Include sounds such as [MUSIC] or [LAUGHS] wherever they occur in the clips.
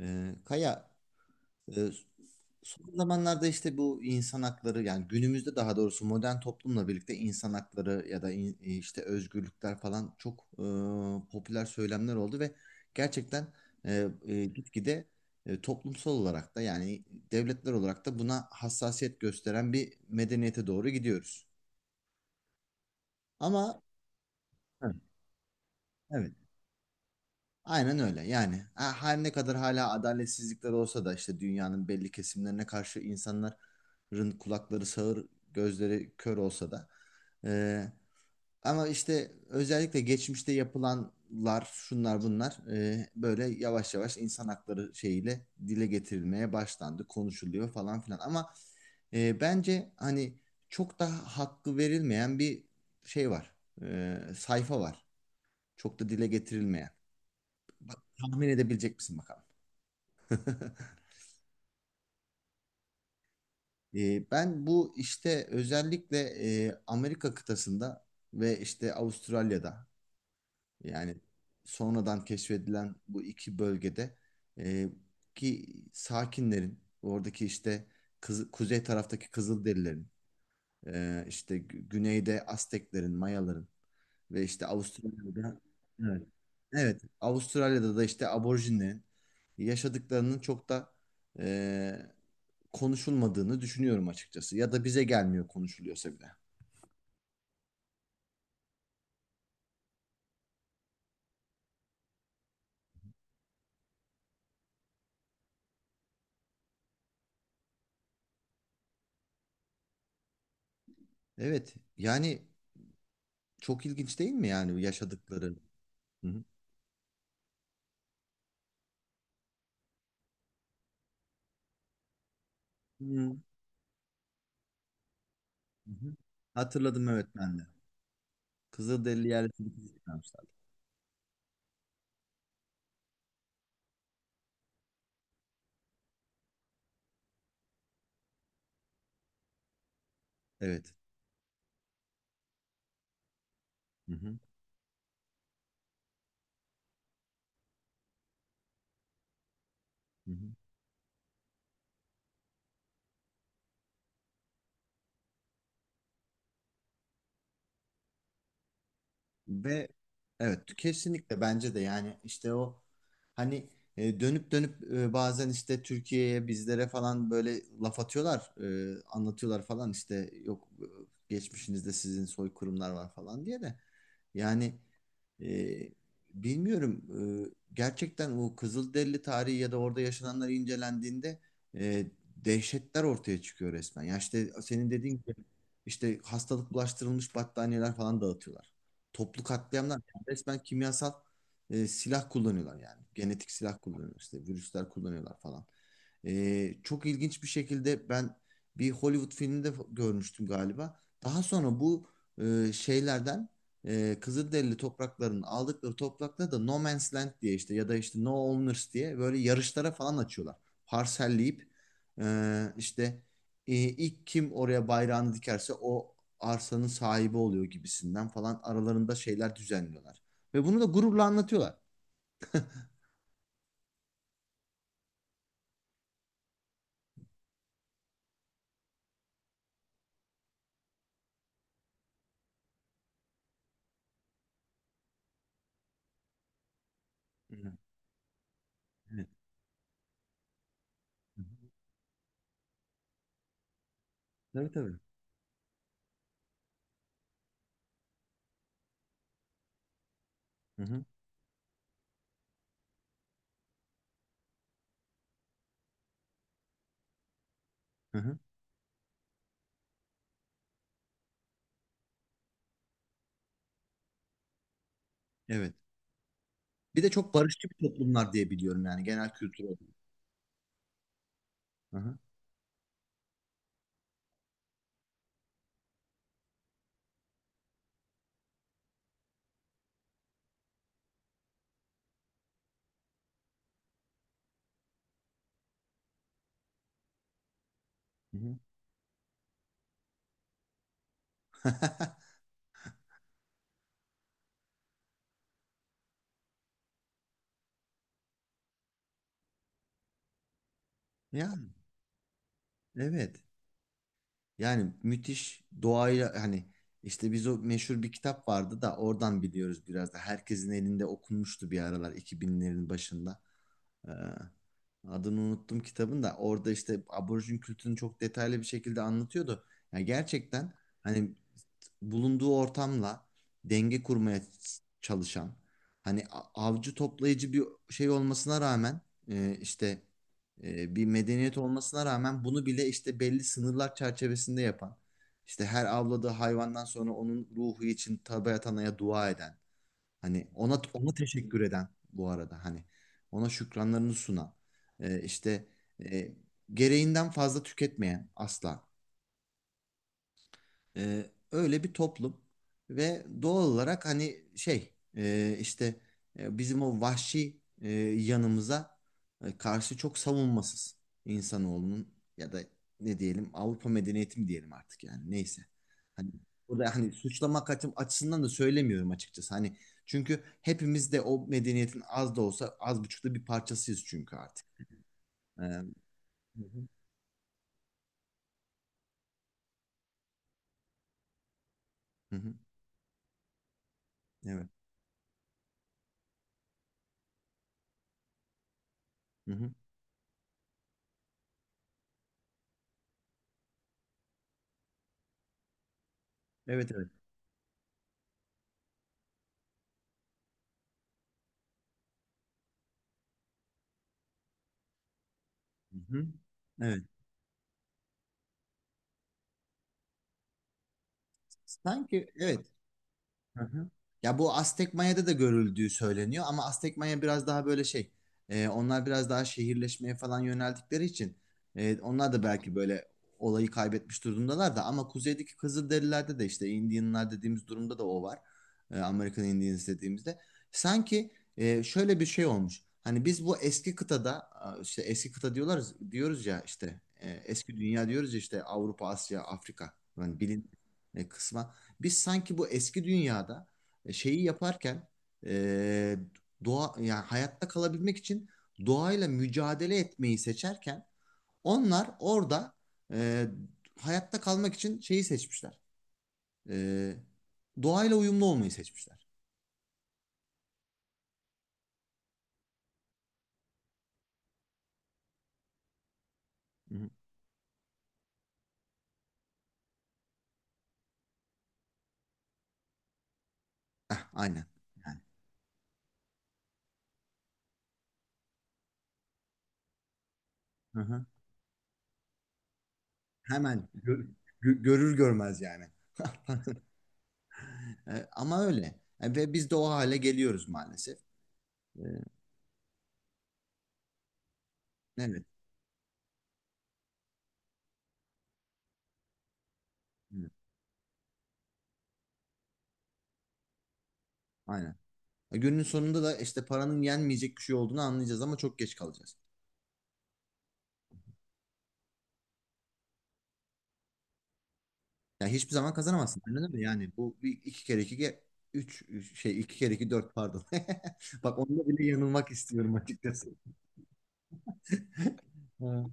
Kaya, e, son zamanlarda işte bu insan hakları, yani günümüzde, daha doğrusu modern toplumla birlikte insan hakları ya da işte özgürlükler falan çok popüler söylemler oldu ve gerçekten gitgide toplumsal olarak da, yani devletler olarak da buna hassasiyet gösteren bir medeniyete doğru gidiyoruz. Ama. Evet. Evet. Aynen öyle, yani her ne kadar hala adaletsizlikler olsa da işte dünyanın belli kesimlerine karşı insanların kulakları sağır, gözleri kör olsa da e, ama işte özellikle geçmişte yapılanlar, şunlar bunlar, böyle yavaş yavaş insan hakları şeyiyle dile getirilmeye başlandı, konuşuluyor falan filan, ama bence hani çok daha hakkı verilmeyen bir şey var, sayfa var, çok da dile getirilmeyen. Tahmin edebilecek misin bakalım? [LAUGHS] Ben bu, işte özellikle Amerika kıtasında ve işte Avustralya'da, yani sonradan keşfedilen bu iki bölgede, e, ki sakinlerin oradaki işte, kuzey taraftaki Kızılderililerin, işte güneyde Azteklerin, Mayaların ve işte Avustralya'da. Evet, evet. Avustralya'da da işte aborjinlerin yaşadıklarının çok da e, konuşulmadığını düşünüyorum açıkçası. Ya da bize gelmiyor, konuşuluyorsa bile. Evet, yani çok ilginç değil mi yani yaşadıkları? Hı hı. Hı hı. Hatırladım, evet, ben de. Kızılderili yerlisini çıkarmışlar. Evet. Hı hı. Hı hı. Ve evet, kesinlikle bence de, yani işte o hani dönüp dönüp bazen işte Türkiye'ye, bizlere falan böyle laf atıyorlar, anlatıyorlar falan, işte yok geçmişinizde sizin soykırımlar var falan diye de, yani e, bilmiyorum, gerçekten o Kızılderili tarihi ya da orada yaşananlar incelendiğinde e, dehşetler ortaya çıkıyor resmen. Ya işte senin dediğin gibi, işte hastalık bulaştırılmış battaniyeler falan dağıtıyorlar. Toplu katliamlar, yani resmen kimyasal silah kullanıyorlar yani. Genetik silah kullanıyorlar, işte virüsler kullanıyorlar falan. Çok ilginç bir şekilde ben bir Hollywood filminde görmüştüm galiba. Daha sonra bu şeylerden, Kızılderili topraklarının, aldıkları toprakları da No Man's Land diye, işte, ya da işte No Owners diye böyle yarışlara falan açıyorlar. Parselleyip işte, ilk kim oraya bayrağını dikerse o arsanın sahibi oluyor gibisinden falan, aralarında şeyler düzenliyorlar. Ve bunu da gururla anlatıyorlar. Hı hı. Evet. Hı hı. Tabii, tabii. Hı hı. Hı hı. Evet. Bir de çok barışçı bir toplumlar diye biliyorum, yani genel kültür olarak. Hı hı. Hı hı. [LAUGHS] Ya, evet. Yani müthiş doğayla, hani işte biz, o meşhur bir kitap vardı da oradan biliyoruz biraz da. Herkesin elinde okunmuştu bir aralar, 2000'lerin başında. Ee, Adını unuttum kitabın da, orada işte aborjin kültürünü çok detaylı bir şekilde anlatıyordu. Yani gerçekten, hani bulunduğu ortamla denge kurmaya çalışan, hani avcı toplayıcı bir şey olmasına rağmen, işte bir medeniyet olmasına rağmen bunu bile işte belli sınırlar çerçevesinde yapan, işte her avladığı hayvandan sonra onun ruhu için Tabiat Ana'ya dua eden, hani ona teşekkür eden bu arada, hani ona şükranlarını sunan, işte e, gereğinden fazla tüketmeyen asla. Öyle bir toplum, ve doğal olarak hani şey, işte bizim o vahşi yanımıza karşı çok savunmasız insanoğlunun, ya da ne diyelim, Avrupa medeniyeti mi diyelim artık, yani neyse. Hani burada, hani suçlamak açısından da söylemiyorum açıkçası. Hani, çünkü hepimiz de o medeniyetin az da olsa, az buçuk da bir parçasıyız çünkü artık. Hı hı, hı hı, evet. Hı hı, evet, evet. Hı hı. Evet. Sanki evet. Hı hı. Ya, bu Aztek Maya'da da görüldüğü söyleniyor, ama Aztek Maya biraz daha böyle şey, onlar biraz daha şehirleşmeye falan yöneldikleri için onlar da belki böyle olayı kaybetmiş durumdalar da, ama kuzeydeki Kızılderililerde de, işte Indianlar dediğimiz durumda da o var. American Indians dediğimizde. Sanki şöyle bir şey olmuş. Hani biz bu eski kıtada, işte eski kıta diyorlar, diyoruz ya, işte eski dünya diyoruz ya, işte Avrupa, Asya, Afrika, yani bilin kısma. Biz sanki bu eski dünyada şeyi yaparken, e, doğa, yani hayatta kalabilmek için doğayla mücadele etmeyi seçerken, onlar orada e, hayatta kalmak için şeyi seçmişler. E, Doğayla uyumlu olmayı seçmişler. Hı hı. Ah, aynen. Yani. Hı hı. Hemen görür görmez yani. [LAUGHS] Ama öyle. Ve biz de o hale geliyoruz maalesef. E, evet. Evet. Aynen. Günün sonunda da işte paranın yenmeyecek bir şey olduğunu anlayacağız, ama çok geç kalacağız. Yani hiçbir zaman kazanamazsın. Anladın mı? Yani bu bir, iki kere iki şey, iki kere iki dört, pardon. [LAUGHS] Bak, onda bile yanılmak istiyorum açıkçası. Ha.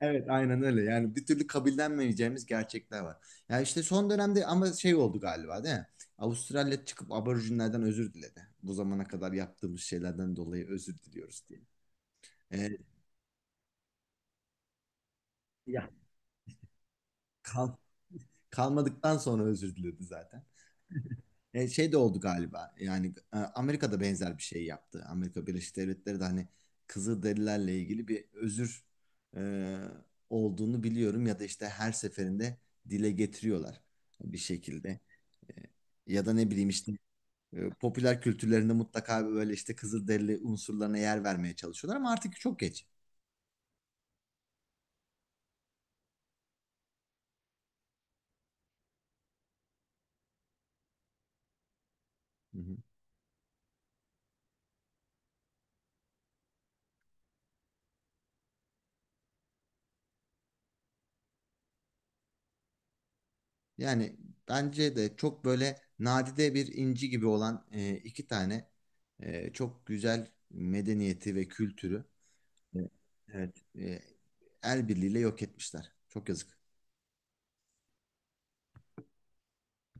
Evet, aynen öyle. Yani bir türlü kabullenmeyeceğimiz gerçekler var. Ya işte son dönemde ama şey oldu galiba, değil mi? Avustralya çıkıp aborjinlerden özür diledi. Bu zamana kadar yaptığımız şeylerden dolayı özür diliyoruz diye. Ee, Ya, kal kalmadıktan sonra özür diledi zaten. Şey de oldu galiba. Yani Amerika'da benzer bir şey yaptı. Amerika Birleşik Devletleri de, hani Kızılderililerle ilgili bir özür e, olduğunu biliyorum, ya da işte her seferinde dile getiriyorlar bir şekilde. E, Ya da ne bileyim işte, popüler kültürlerinde mutlaka böyle işte Kızılderili unsurlarına yer vermeye çalışıyorlar, ama artık çok geç. Hı hı. Yani bence de çok böyle nadide bir inci gibi olan iki tane çok güzel medeniyeti ve kültürü. Evet. Evet. El birliğiyle yok etmişler. Çok yazık.